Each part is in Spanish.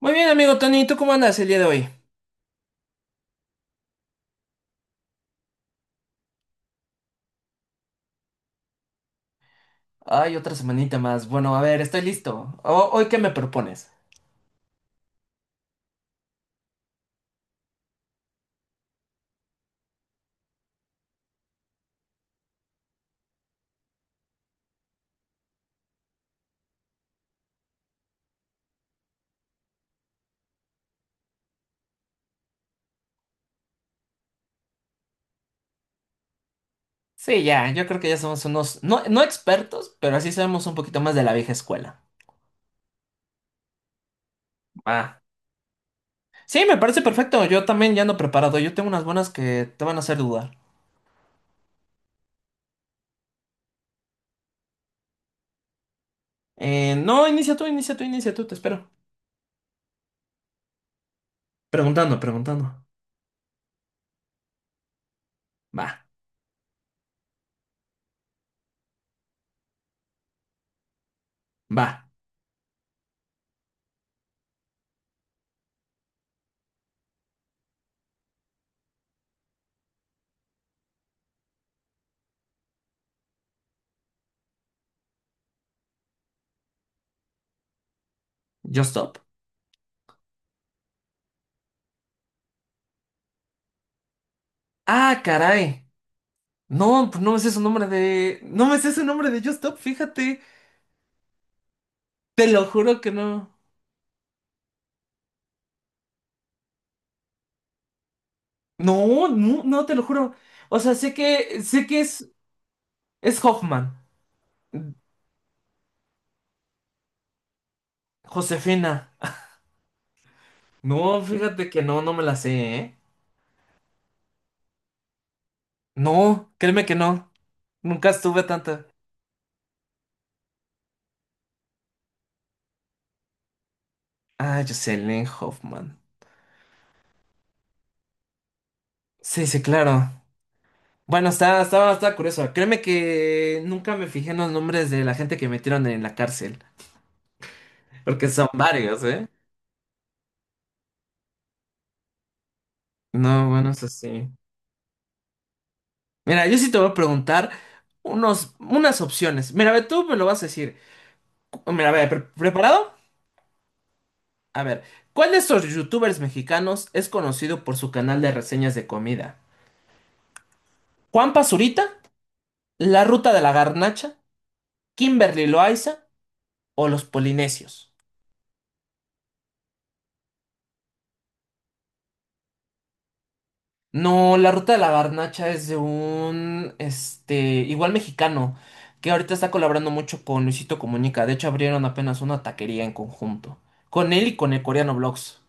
Muy bien, amigo Tony, ¿tú cómo andas el día de hoy? Ay, otra semanita más. Bueno, a ver, estoy listo. ¿Hoy qué me propones? Sí, ya, yo creo que ya somos unos, no, no expertos, pero así sabemos un poquito más de la vieja escuela. Ah. Sí, me parece perfecto. Yo también ya ando preparado. Yo tengo unas buenas que te van a hacer dudar. No, inicia tú, inicia tú, inicia tú, te espero. Preguntando, preguntando. Va, va, yo stop. Ah, caray. No, pues no me sé su nombre de... No me sé su nombre de Yo Stop, fíjate. Te lo juro que no. No, no, no, te lo juro. O sea, sé que es Hoffman. Josefina. No, fíjate que no, no me la sé, ¿eh? No, créeme que no. Nunca estuve tanta. Ah, Jocelyn Hoffman. Sí, sí, claro. Bueno, estaba curioso. Créeme que nunca me fijé en los nombres de la gente que metieron en la cárcel. Porque son varios, ¿eh? No, bueno, eso sí. Mira, yo sí te voy a preguntar unos, unas opciones. Mira, a ver, tú me lo vas a decir. Mira, a ver, ¿preparado? A ver, ¿cuál de estos youtubers mexicanos es conocido por su canal de reseñas de comida? ¿Juan Pazurita? ¿La Ruta de la Garnacha? ¿Kimberly Loaiza? ¿O los Polinesios? No, la Ruta de la Garnacha es de un, este, igual mexicano, que ahorita está colaborando mucho con Luisito Comunica. De hecho, abrieron apenas una taquería en conjunto, con él y con el coreano Vlogs.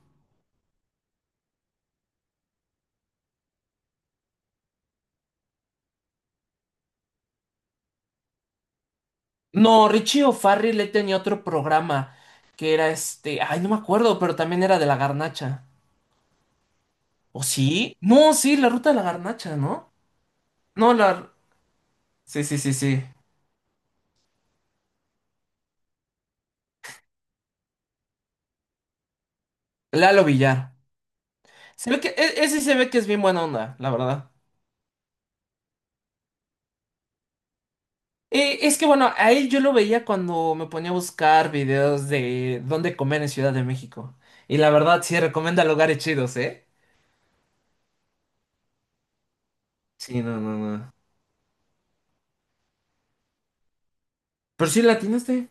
No, Richie O'Farrill le tenía otro programa que era este, ay, no me acuerdo, pero también era de la Garnacha. ¿O sí? No, sí, la ruta de la garnacha, ¿no? No, la... Sí, sí, sí, sí. Lalo Villar. Se ve que... Ese se ve que es bien buena onda, la verdad. Es que bueno, a él yo lo veía cuando me ponía a buscar videos de dónde comer en Ciudad de México. Y la verdad sí recomienda lugares chidos, ¿eh? Sí, no, no, no. Pero sí latinaste.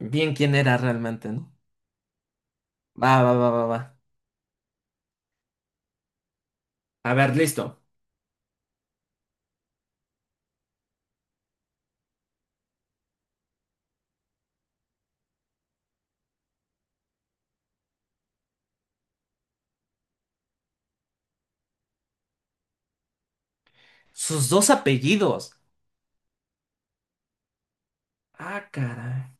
Bien quién era realmente, ¿no? Va, va, va, va, va. A ver, listo. Sus dos apellidos. Ah, caray.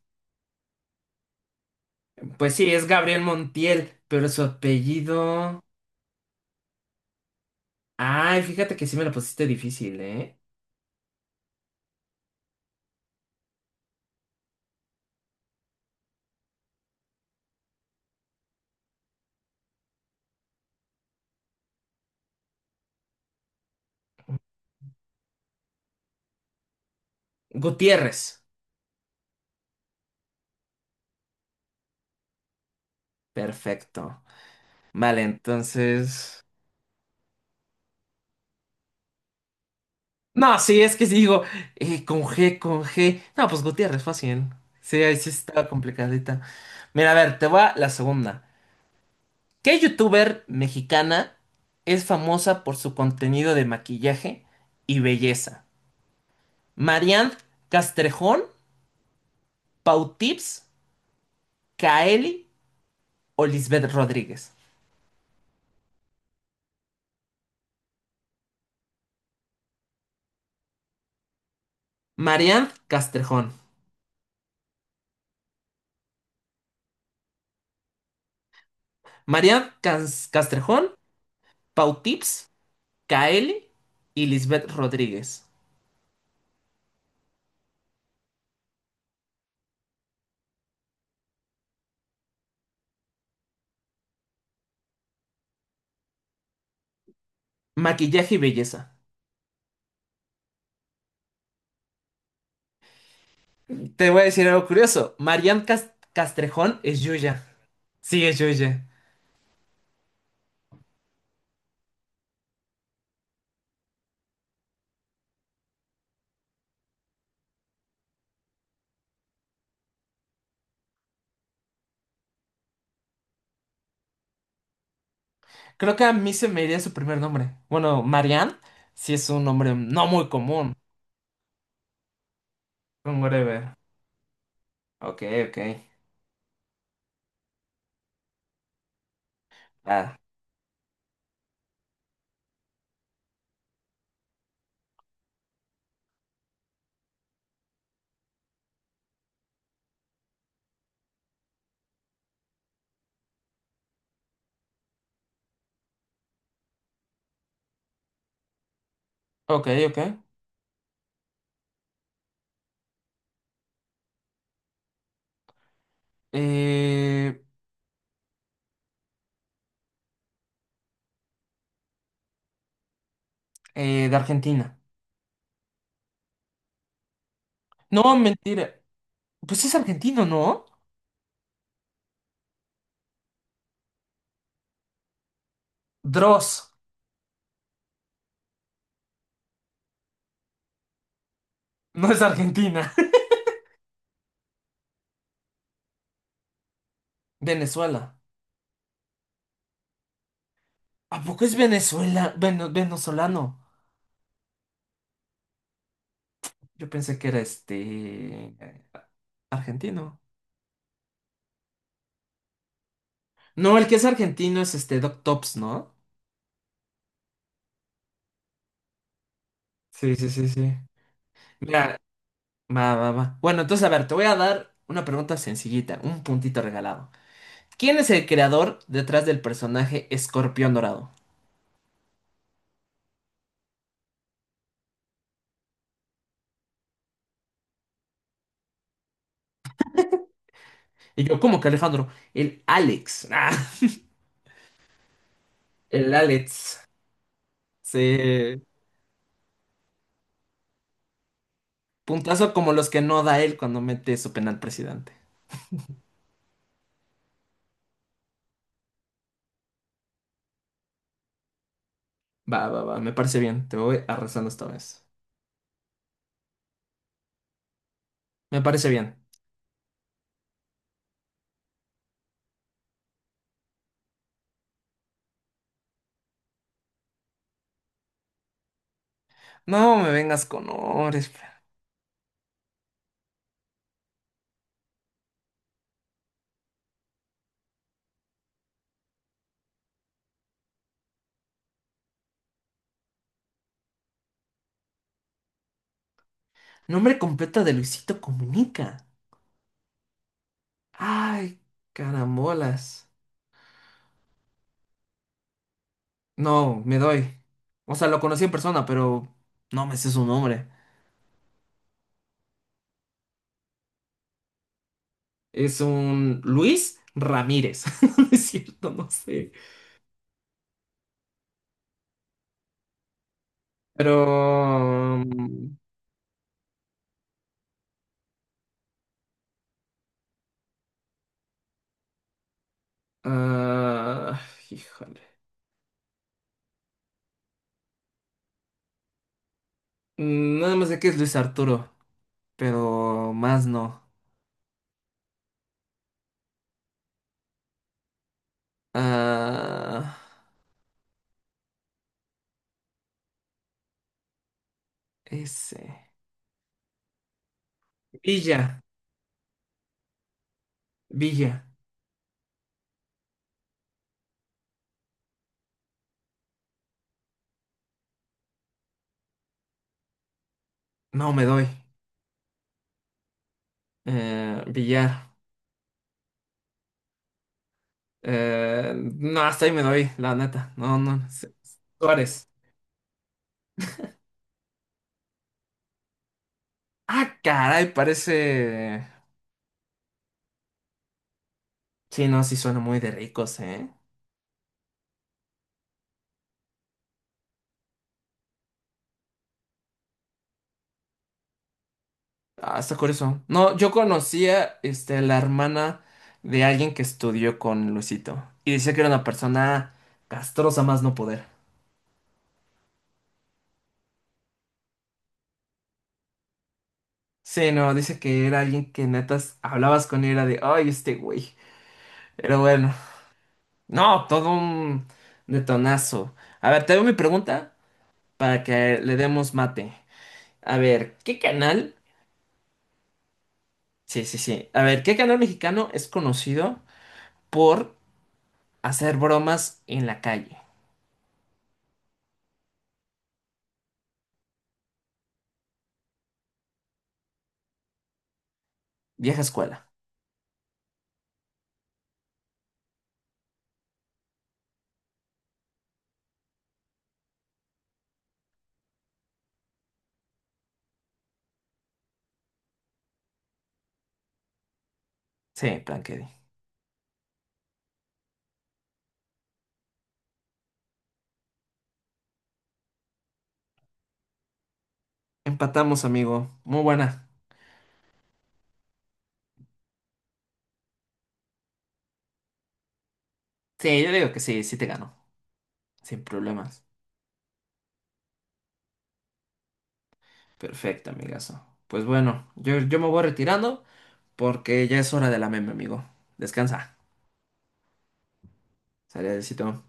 Pues sí, es Gabriel Montiel, pero su apellido... Ay, fíjate que sí me lo pusiste difícil, ¿eh? Gutiérrez. Perfecto. Vale, entonces... No, sí, es que sí digo, con G. No, pues Gutiérrez, fácil. Sí, ahí sí estaba complicadita. Mira, a ver, te va la segunda. ¿Qué youtuber mexicana es famosa por su contenido de maquillaje y belleza? ¿Marianne Castrejón, Pautips, Kaeli o Lisbeth Rodríguez. Marianne Castrejón. Castrejón, Pau Tips, Kaeli y Lisbeth Rodríguez. Maquillaje y belleza. Te voy a decir algo curioso. Castrejón es Yuya. Sí, es Yuya. Creo que a mí se me iría su primer nombre. Bueno, Marianne sí es un nombre no muy común. Un whatever. Ok, ok. Ah. Ok, ok. Eh, de Argentina. No, mentira. Pues es argentino, ¿no? Dross no es Argentina. Venezuela. ¿A poco es Venezuela? Venezolano. Yo pensé que era este... Argentino. No, el que es argentino es este Doc Tops, ¿no? Sí, sí, sí, sí. Mira, va, va, va. Bueno, entonces, a ver, te voy a dar una pregunta sencillita, un puntito regalado. ¿Quién es el creador detrás del personaje Escorpión Dorado? Y yo, ¿cómo que Alejandro? El Alex. Ah, el Alex. Sí. Puntazo como los que no da él cuando mete su penal presidente. Va, va, va, me parece bien. Te voy arrasando esta vez. Me parece bien. No me vengas con honores. Nombre completo de Luisito Comunica. Ay, carambolas. No, me doy. O sea, lo conocí en persona, pero no me sé su nombre. Es un Luis Ramírez. No es cierto, no sé. Pero... mm, ah, híjole. Nada más de que es Luis Arturo. Pero más no. Ah, ese. Villa, Villa. No me doy. Villar. No, hasta ahí me doy, la neta. No, no. Suárez. Ah, caray, parece. Sí, no, sí suena muy de ricos, ¿eh? Ah, está curioso. No, yo conocía este, la hermana de alguien que estudió con Luisito. Y decía que era una persona castrosa más no poder. Sí, no, dice que era alguien que netas hablabas con y era de, ay, este güey. Pero bueno, no, todo un detonazo. A ver, te doy mi pregunta para que le demos mate. A ver, ¿qué canal? Sí, sí, sí. A ver, ¿qué canal mexicano es conocido por hacer bromas en la calle? Vieja escuela. Sí, Plankedi. Empatamos, amigo. Muy buena. Sí, yo digo que sí, sí te ganó. Sin problemas. Perfecto, amigazo. Pues bueno, yo me voy retirando porque ya es hora de la meme, amigo. Descansa. Sale, besito.